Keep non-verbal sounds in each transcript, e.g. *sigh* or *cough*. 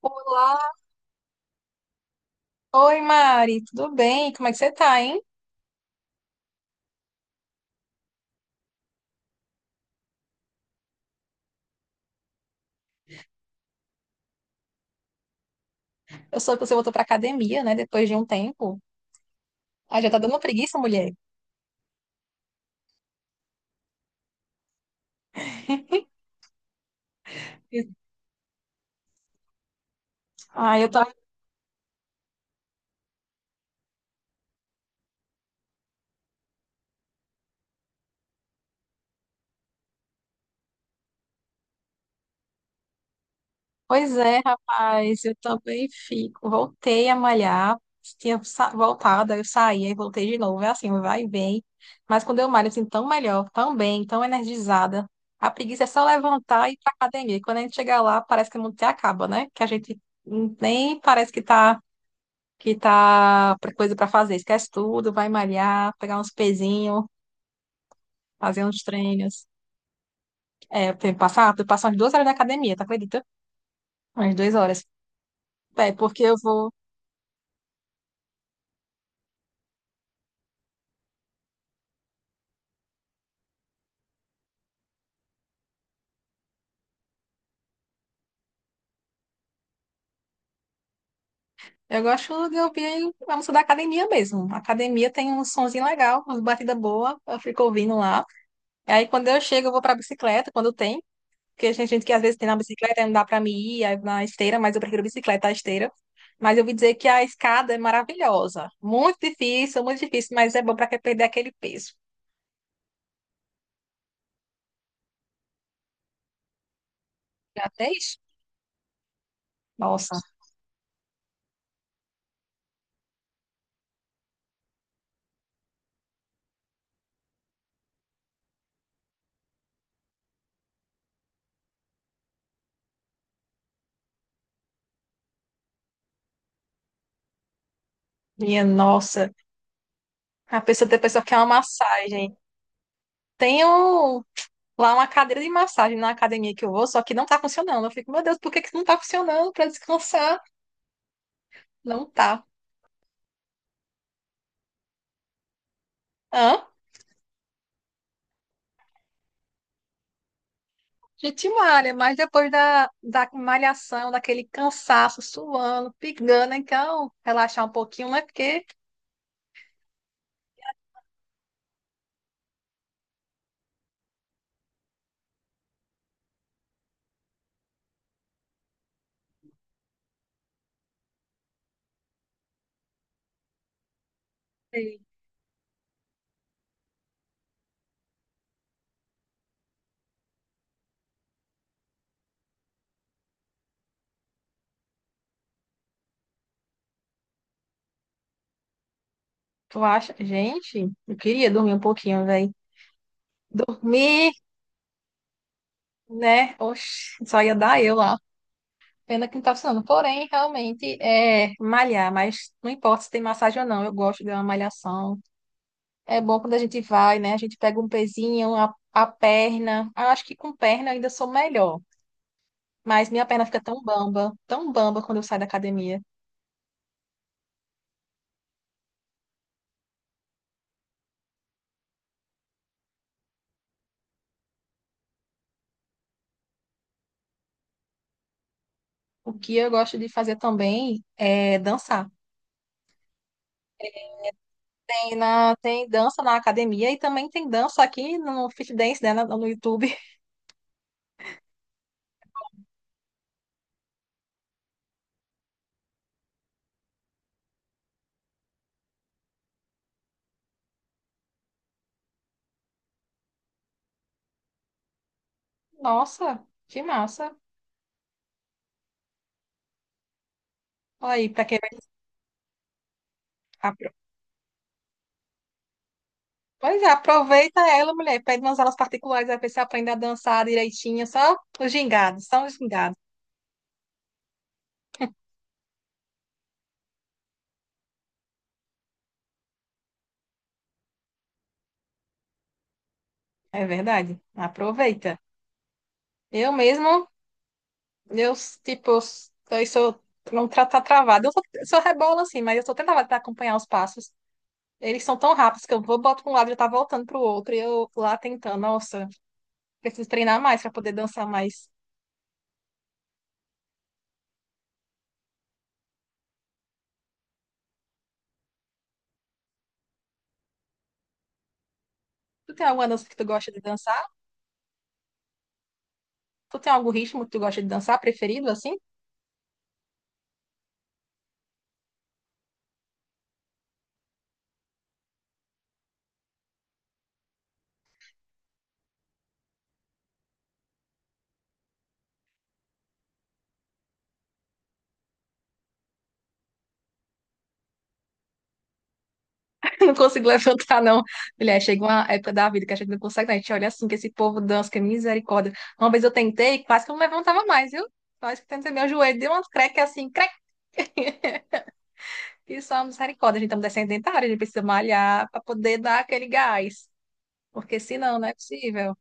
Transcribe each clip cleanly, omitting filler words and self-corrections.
Olá, oi Mari, tudo bem? Como é que você tá, hein? Eu soube que você voltou pra academia, né, depois de um tempo. Ah, já tá dando preguiça, mulher. Eu- Ah, eu também. Pois é, rapaz, eu também fico. Voltei a malhar, tinha voltado, aí eu saí, aí voltei de novo. É assim, vai e vem. Mas quando eu malho, assim, tão melhor, tão bem, tão energizada. A preguiça é só levantar e ir pra academia. E quando a gente chegar lá, parece que o mundo até acaba, né? Que a gente nem parece que tá. Que tá coisa para fazer. Esquece tudo, vai malhar, pegar uns pezinhos, fazer uns treinos. É, eu tenho que passar, eu passo umas 2 horas na academia, tá, acredita? Umas 2 horas. É, porque eu vou. Eu gosto de ouvir a música da academia mesmo. A academia tem um sonzinho legal, uma batida boa, eu fico ouvindo lá. Aí quando eu chego, eu vou pra bicicleta, quando tem. Porque tem gente que às vezes tem na bicicleta, aí não dá pra me ir, aí na esteira, mas eu prefiro bicicleta à esteira. Mas eu ouvi dizer que a escada é maravilhosa. Muito difícil, mas é bom pra quem perder aquele peso. Já fez? Nossa, minha nossa. A pessoa tem, pessoa que quer uma massagem. Tem um- Lá uma cadeira de massagem na academia que eu vou, só que não tá funcionando. Eu fico, meu Deus, por que que não tá funcionando? Pra descansar? Não tá. Hã? Gente malha, mas depois da malhação, daquele cansaço, suando, pingando, então relaxar um pouquinho, né? Porque... Sei. Tu acha, gente, eu queria dormir um pouquinho, velho. Dormir, né? Oxi, só ia dar eu lá. Pena que não tá funcionando. Porém, realmente é malhar, mas não importa se tem massagem ou não, eu gosto de uma malhação. É bom quando a gente vai, né? A gente pega um pezinho, a perna. Eu acho que com perna eu ainda sou melhor. Mas minha perna fica tão bamba quando eu saio da academia. O que eu gosto de fazer também é dançar. Tem dança na academia e também tem dança aqui no Fit Dance, né, no YouTube. *laughs* Nossa, que massa. Olha aí, pra quem vai... apro- Pois é, aproveita ela, mulher. Pede umas aulas particulares, aí pra você aprender a dançar direitinho, só os gingados, só os gingados. É verdade. Aproveita. Eu mesmo Eu, tipo, eu sou, não tá, tá travado. Eu sou rebola, assim, mas eu sou, tão tentar acompanhar os passos. Eles são tão rápidos que eu vou, boto para um lado e tá voltando pro outro. E eu lá tentando, nossa, preciso treinar mais para poder dançar mais. Tu tem alguma dança que tu gosta de dançar? Tu tem algum ritmo que tu gosta de dançar, preferido, assim? *laughs* Não consigo levantar, não. Mulher, chega uma época da vida que a gente não consegue, não. A gente olha assim, que esse povo dança, que é misericórdia. Uma vez eu tentei, quase que eu não levantava mais, viu? Mas que tentei, meu joelho deu um creque assim, creque. E só misericórdia, a gente estamos descendentários, a gente precisa malhar para poder dar aquele gás. Porque senão não é possível.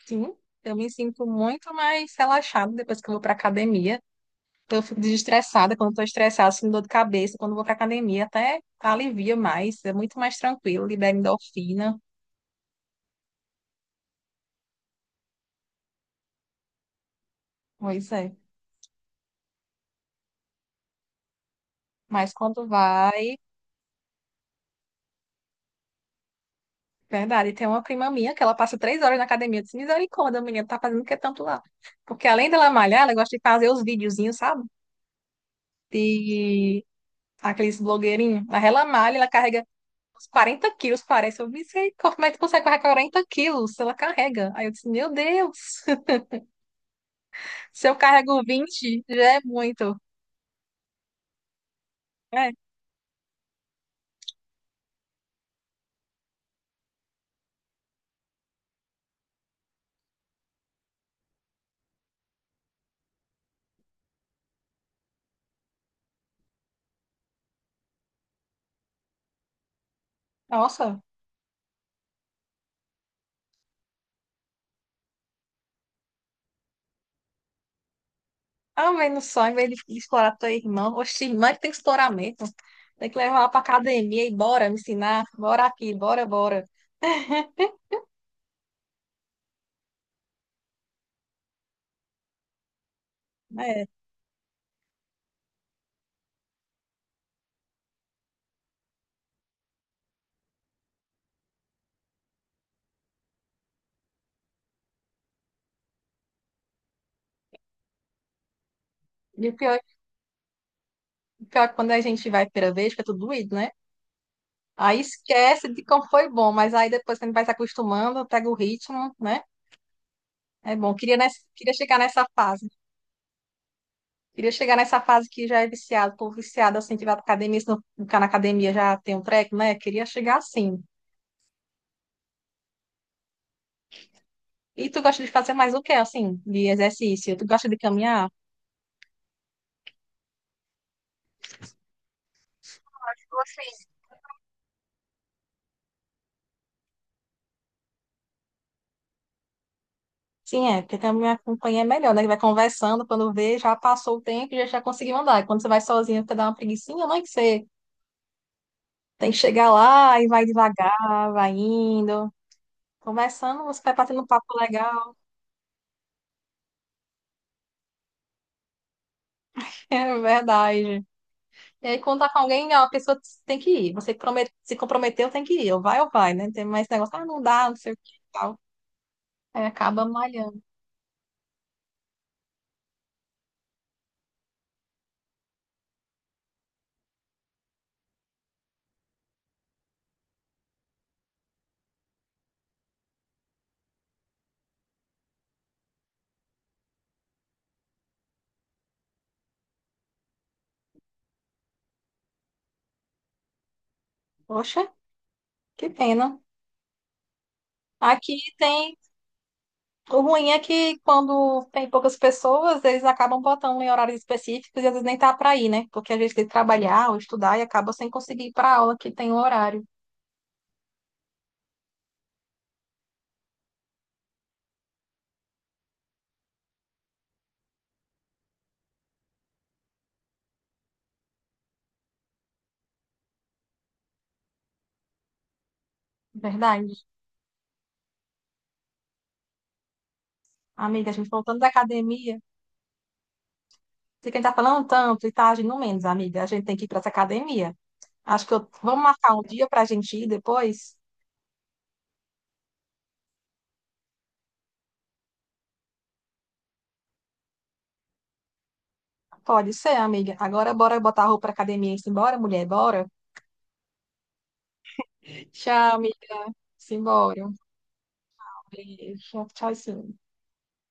Sim, eu me sinto muito mais relaxada depois que eu vou para academia. Eu fico desestressada. Quando estou estressada, sinto dor de cabeça, quando vou para academia, até alivia mais, é muito mais tranquilo, libera endorfina. Pois é. Mas quando vai... Verdade, tem uma prima minha que ela passa 3 horas na academia. Eu disse, misericórdia, menina, tá fazendo o que tanto lá? Porque além dela malhar, ela gosta de fazer os videozinhos, sabe? De Aqueles blogueirinhos. Mas ela malha, ela carrega uns 40 quilos, parece. Eu disse, como é que tu consegue carregar 40 quilos? Ela carrega. Aí eu disse, meu Deus, *laughs* se eu carrego 20 já é muito. É, nossa. Ao menos só, em vez de explorar tua irmã, oxe, irmã que tem que explorar mesmo. Tem que levar ela pra academia e bora me ensinar. Bora aqui, bora, bora. *laughs* É. E o pior é que quando a gente vai a primeira vez, fica tudo doído, né? Aí esquece de como foi bom, mas aí depois quando vai se acostumando, pega o ritmo, né? É bom, queria, nessa, queria chegar nessa fase. Queria chegar nessa fase que já é viciado, tô viciado assim, que vai pra academia, se não ficar na academia já tem um treco, né? Queria chegar assim. E tu gosta de fazer mais o quê, assim, de exercício? Tu gosta de caminhar? Vocês... Sim, é, porque caminhar minha companhia é melhor, né? Que vai conversando, quando vê, já passou o tempo e já conseguiu andar. E quando você vai sozinho, você dá uma preguicinha, não é que você tem que chegar lá e vai devagar, vai indo. Conversando, você vai batendo um papo legal. *laughs* É verdade. E aí, contar com alguém, ó, a pessoa tem que ir. Você que se comprometeu, tem que ir. Ou vai, né? Tem mais negócio, ah, não dá, não sei o que e tal. Aí acaba malhando. Poxa, que pena. Aqui tem. O ruim é que quando tem poucas pessoas, eles acabam botando em horários específicos e às vezes nem tá pra ir, né? Porque a gente tem que trabalhar ou estudar e acaba sem conseguir ir pra aula que tem o horário. Verdade. Amiga, a gente voltando da academia. Você quem tá falando tanto e tá agindo menos, amiga. A gente tem que ir pra essa academia. Acho que eu... Vamos marcar um dia pra gente ir depois? Pode ser, amiga. Agora bora botar a roupa pra academia e simbora, mulher, bora? Tchau, amiga. Simbora. Um beijo. Tchau, sim.